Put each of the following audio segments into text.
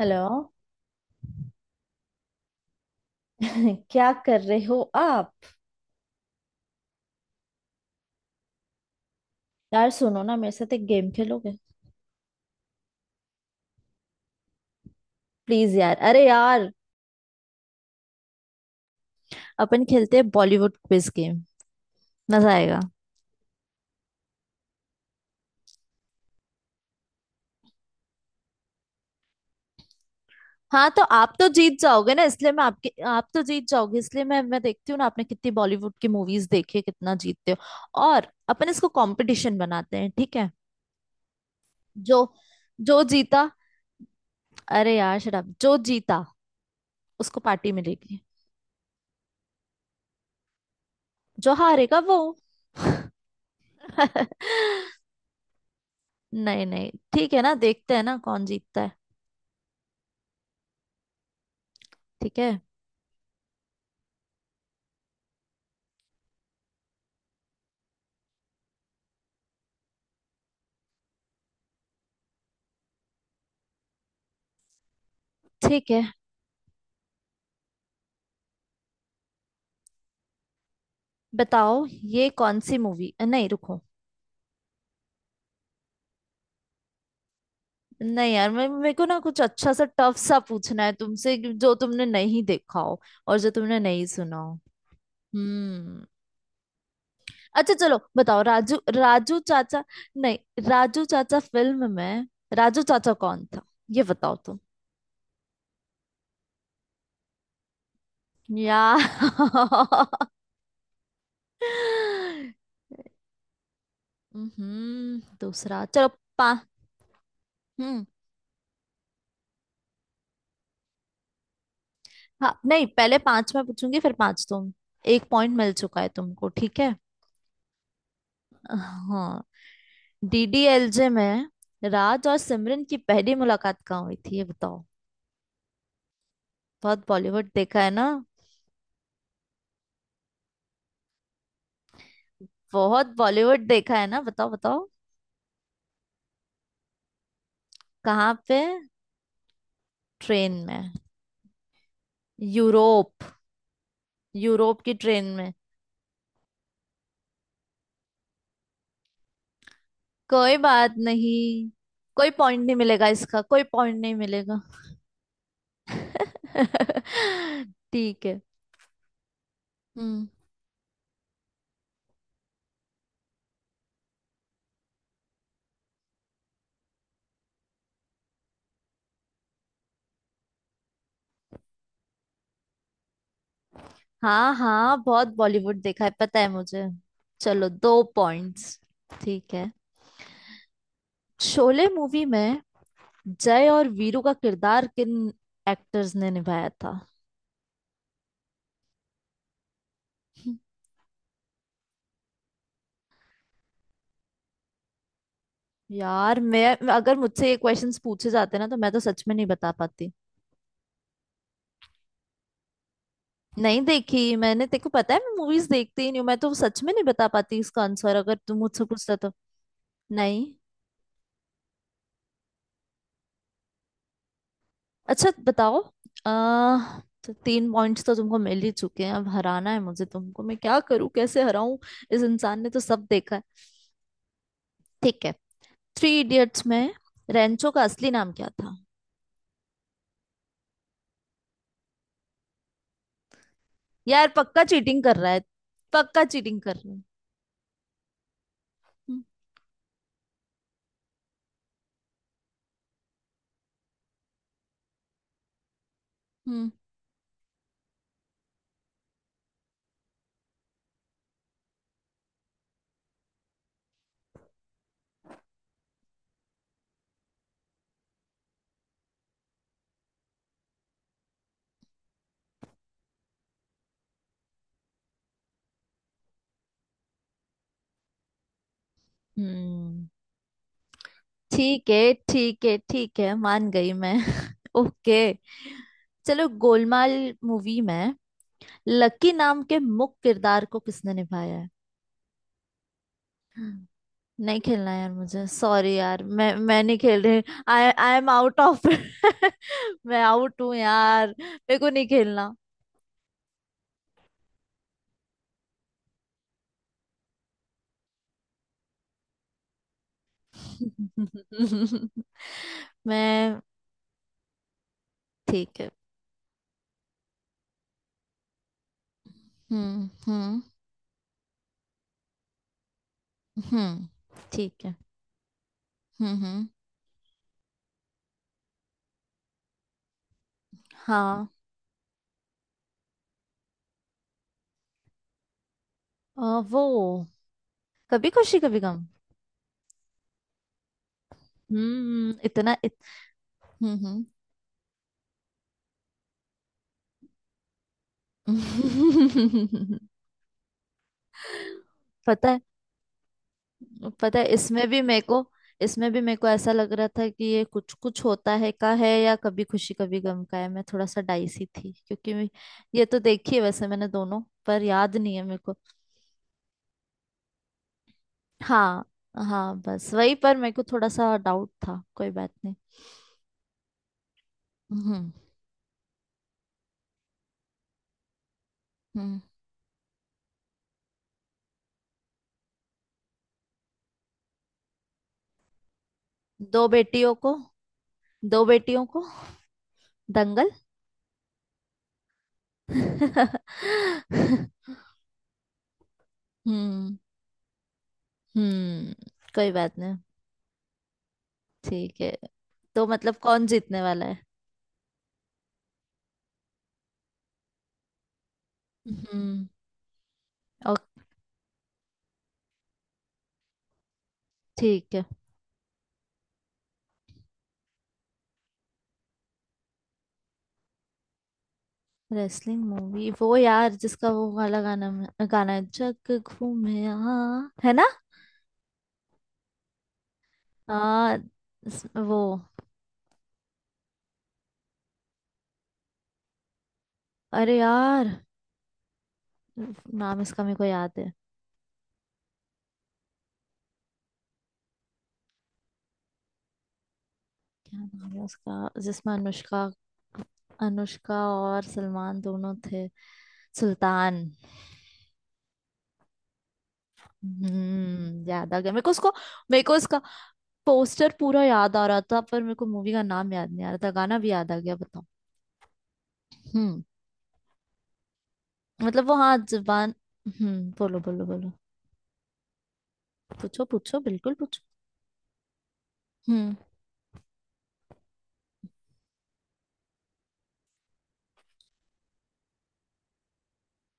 Hello. क्या कर रहे हो आप? यार सुनो ना, मेरे साथ एक गेम खेलोगे? प्लीज यार, अरे यार। अपन खेलते हैं बॉलीवुड क्विज गेम। मजा आएगा। हाँ, तो आप तो जीत जाओगे ना, इसलिए मैं आपके- आप तो जीत जाओगे, इसलिए मैं देखती हूँ ना आपने कितनी बॉलीवुड की मूवीज देखी है, कितना जीतते हो, और अपन इसको कंपटीशन बनाते हैं, ठीक है। जो जो जीता- अरे यार, शट अप! जो जीता उसको पार्टी मिलेगी। जो हारेगा वो- नहीं नहीं, ठीक है ना, देखते हैं ना कौन जीतता है। ठीक है। ठीक है, बताओ। ये कौन सी मूवी- नहीं, रुको। नहीं यार, मैं- मेरे को ना कुछ अच्छा सा, टफ सा पूछना है तुमसे कि जो तुमने नहीं देखा हो और जो तुमने नहीं सुना हो। हम्म। अच्छा चलो, बताओ। राजू राजू चाचा- नहीं। राजू चाचा फिल्म में राजू चाचा कौन था, ये बताओ तुम। यार! दूसरा चलो। पा हम्म हाँ, नहीं, पहले पांच मैं पूछूंगी, फिर पांच तुम। एक पॉइंट मिल चुका है तुमको, ठीक है। हाँ। डीडीएलजे में राज और सिमरन की पहली मुलाकात कहाँ हुई थी, ये बताओ। बहुत बॉलीवुड देखा है ना। बहुत बॉलीवुड देखा है ना, बताओ बताओ। कहाँ पे? ट्रेन में। यूरोप। यूरोप की ट्रेन में। कोई बात नहीं। कोई पॉइंट नहीं मिलेगा इसका, कोई पॉइंट नहीं मिलेगा। ठीक है। हम्म। हाँ हाँ, बहुत बॉलीवुड देखा है, पता है मुझे। चलो, दो पॉइंट्स। ठीक है। शोले मूवी में जय और वीरू का किरदार किन एक्टर्स ने निभाया था? यार मैं- अगर मुझसे ये क्वेश्चंस पूछे जाते ना, तो मैं तो सच में नहीं बता पाती। नहीं देखी मैंने, तेको पता है, मैं मूवीज देखती ही नहीं हूँ। मैं तो सच में नहीं बता पाती इसका आंसर अगर तुम मुझसे पूछता तो। नहीं। अच्छा बताओ। तो तीन पॉइंट्स तो तुमको मिल ही चुके हैं, अब हराना है मुझे तुमको, मैं क्या करूं, कैसे हराऊं। इस इंसान ने तो सब देखा है। ठीक है। थ्री इडियट्स में रेंचो का असली नाम क्या था? यार पक्का चीटिंग कर रहा है। पक्का चीटिंग कर रहा है। हम्म। हम्म, हम्म, ठीक है ठीक है ठीक है, मान गई मैं। ओके। चलो, गोलमाल मूवी में लकी नाम के मुख्य किरदार को किसने निभाया है? नहीं खेलना यार मुझे, सॉरी यार, मैं नहीं खेल रही। I I am out of- मैं आउट हूँ यार, मेरे को नहीं खेलना। मैं- ठीक है। हम्म, हम्म, हम्म, ठीक है। हम्म, हम्म, हाँ। अ, वो- कभी खुशी कभी गम। हम्म। हम्म हम्म पता है, पता है, इसमें भी मेरे को ऐसा लग रहा था कि ये कुछ कुछ होता है का है या कभी खुशी कभी गम का है, मैं थोड़ा सा डाइसी थी क्योंकि मैं- ये तो देखी है वैसे मैंने, दोनों पर याद नहीं है मेरे को। हाँ हाँ, बस वही पर मेरे को थोड़ा सा डाउट था, कोई बात नहीं। हम्म हम्म दो बेटियों को। दो बेटियों को, दंगल। हम्म हम्म कोई बात नहीं। ठीक है। तो मतलब कौन जीतने वाला है? हम्म। ठीक है। रेसलिंग मूवी- वो यार जिसका वो वाला गाना गाना है, जग घूमे, हाँ, है ना। आ, वो- अरे यार! नाम इसका मेरे को याद है। क्या नाम है उसका जिसमें अनुष्का- अनुष्का और सलमान दोनों थे। सुल्तान। हम्म, याद आ गया मेरे को उसको। मेरे को उसका पोस्टर पूरा याद आ रहा था, पर मेरे को मूवी का नाम याद नहीं आ रहा था, गाना भी याद आ गया, बताओ। हम्म। मतलब वो- हाँ, जुबान। बोलो बोलो बोलो। पूछो पूछो, बिल्कुल पूछो। हम्म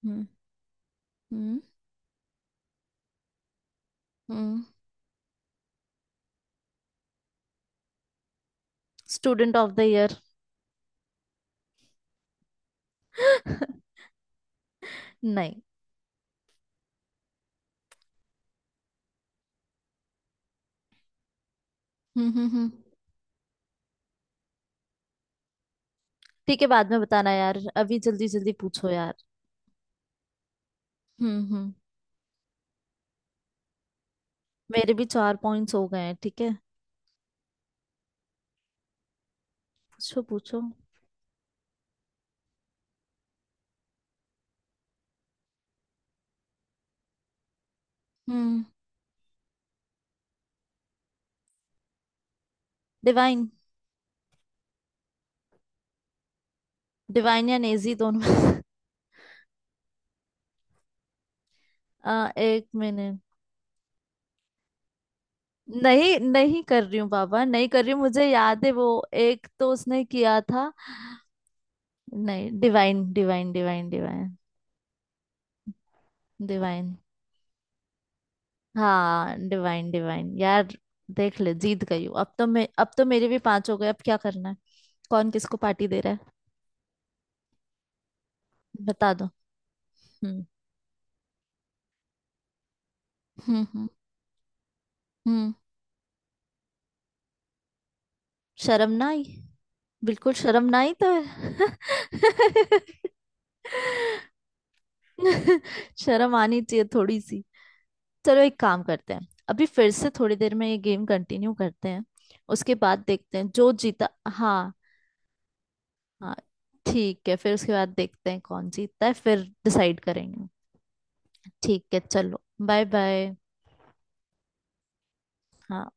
हम्म हम्म हम्म स्टूडेंट ऑफ द ईयर। नहीं। हम्म, हम्म, हम्म, ठीक है, बाद में बताना यार, अभी जल्दी जल्दी पूछो यार। हम्म हम्म मेरे भी चार पॉइंट्स हो गए हैं, ठीक है। पूछो पूछो। हम्म डिवाइन। डिवाइन या नेजी दोनों- एक मिनट। नहीं नहीं, कर रही हूँ बाबा, नहीं कर रही हूँ, मुझे याद है वो। एक तो उसने किया था। नहीं, Divine Divine Divine Divine Divine. हाँ, डिवाइन डिवाइन यार, देख ले जीत गई हूँ अब तो मैं, अब तो मेरे भी पांच हो गए, अब क्या करना है? कौन किसको पार्टी दे रहा है? बता दो। हम्म हम्म हम्म हम्म शर्म ना आई, बिल्कुल शर्म ना आई तो है। शर्म आनी चाहिए थोड़ी सी। चलो, एक काम करते हैं, अभी फिर से थोड़ी देर में ये गेम कंटिन्यू करते हैं, उसके बाद देखते हैं जो जीता, हाँ। हाँ, ठीक है, फिर उसके बाद देखते हैं कौन जीतता है, फिर डिसाइड करेंगे। ठीक है, चलो। Bye bye. हाँ।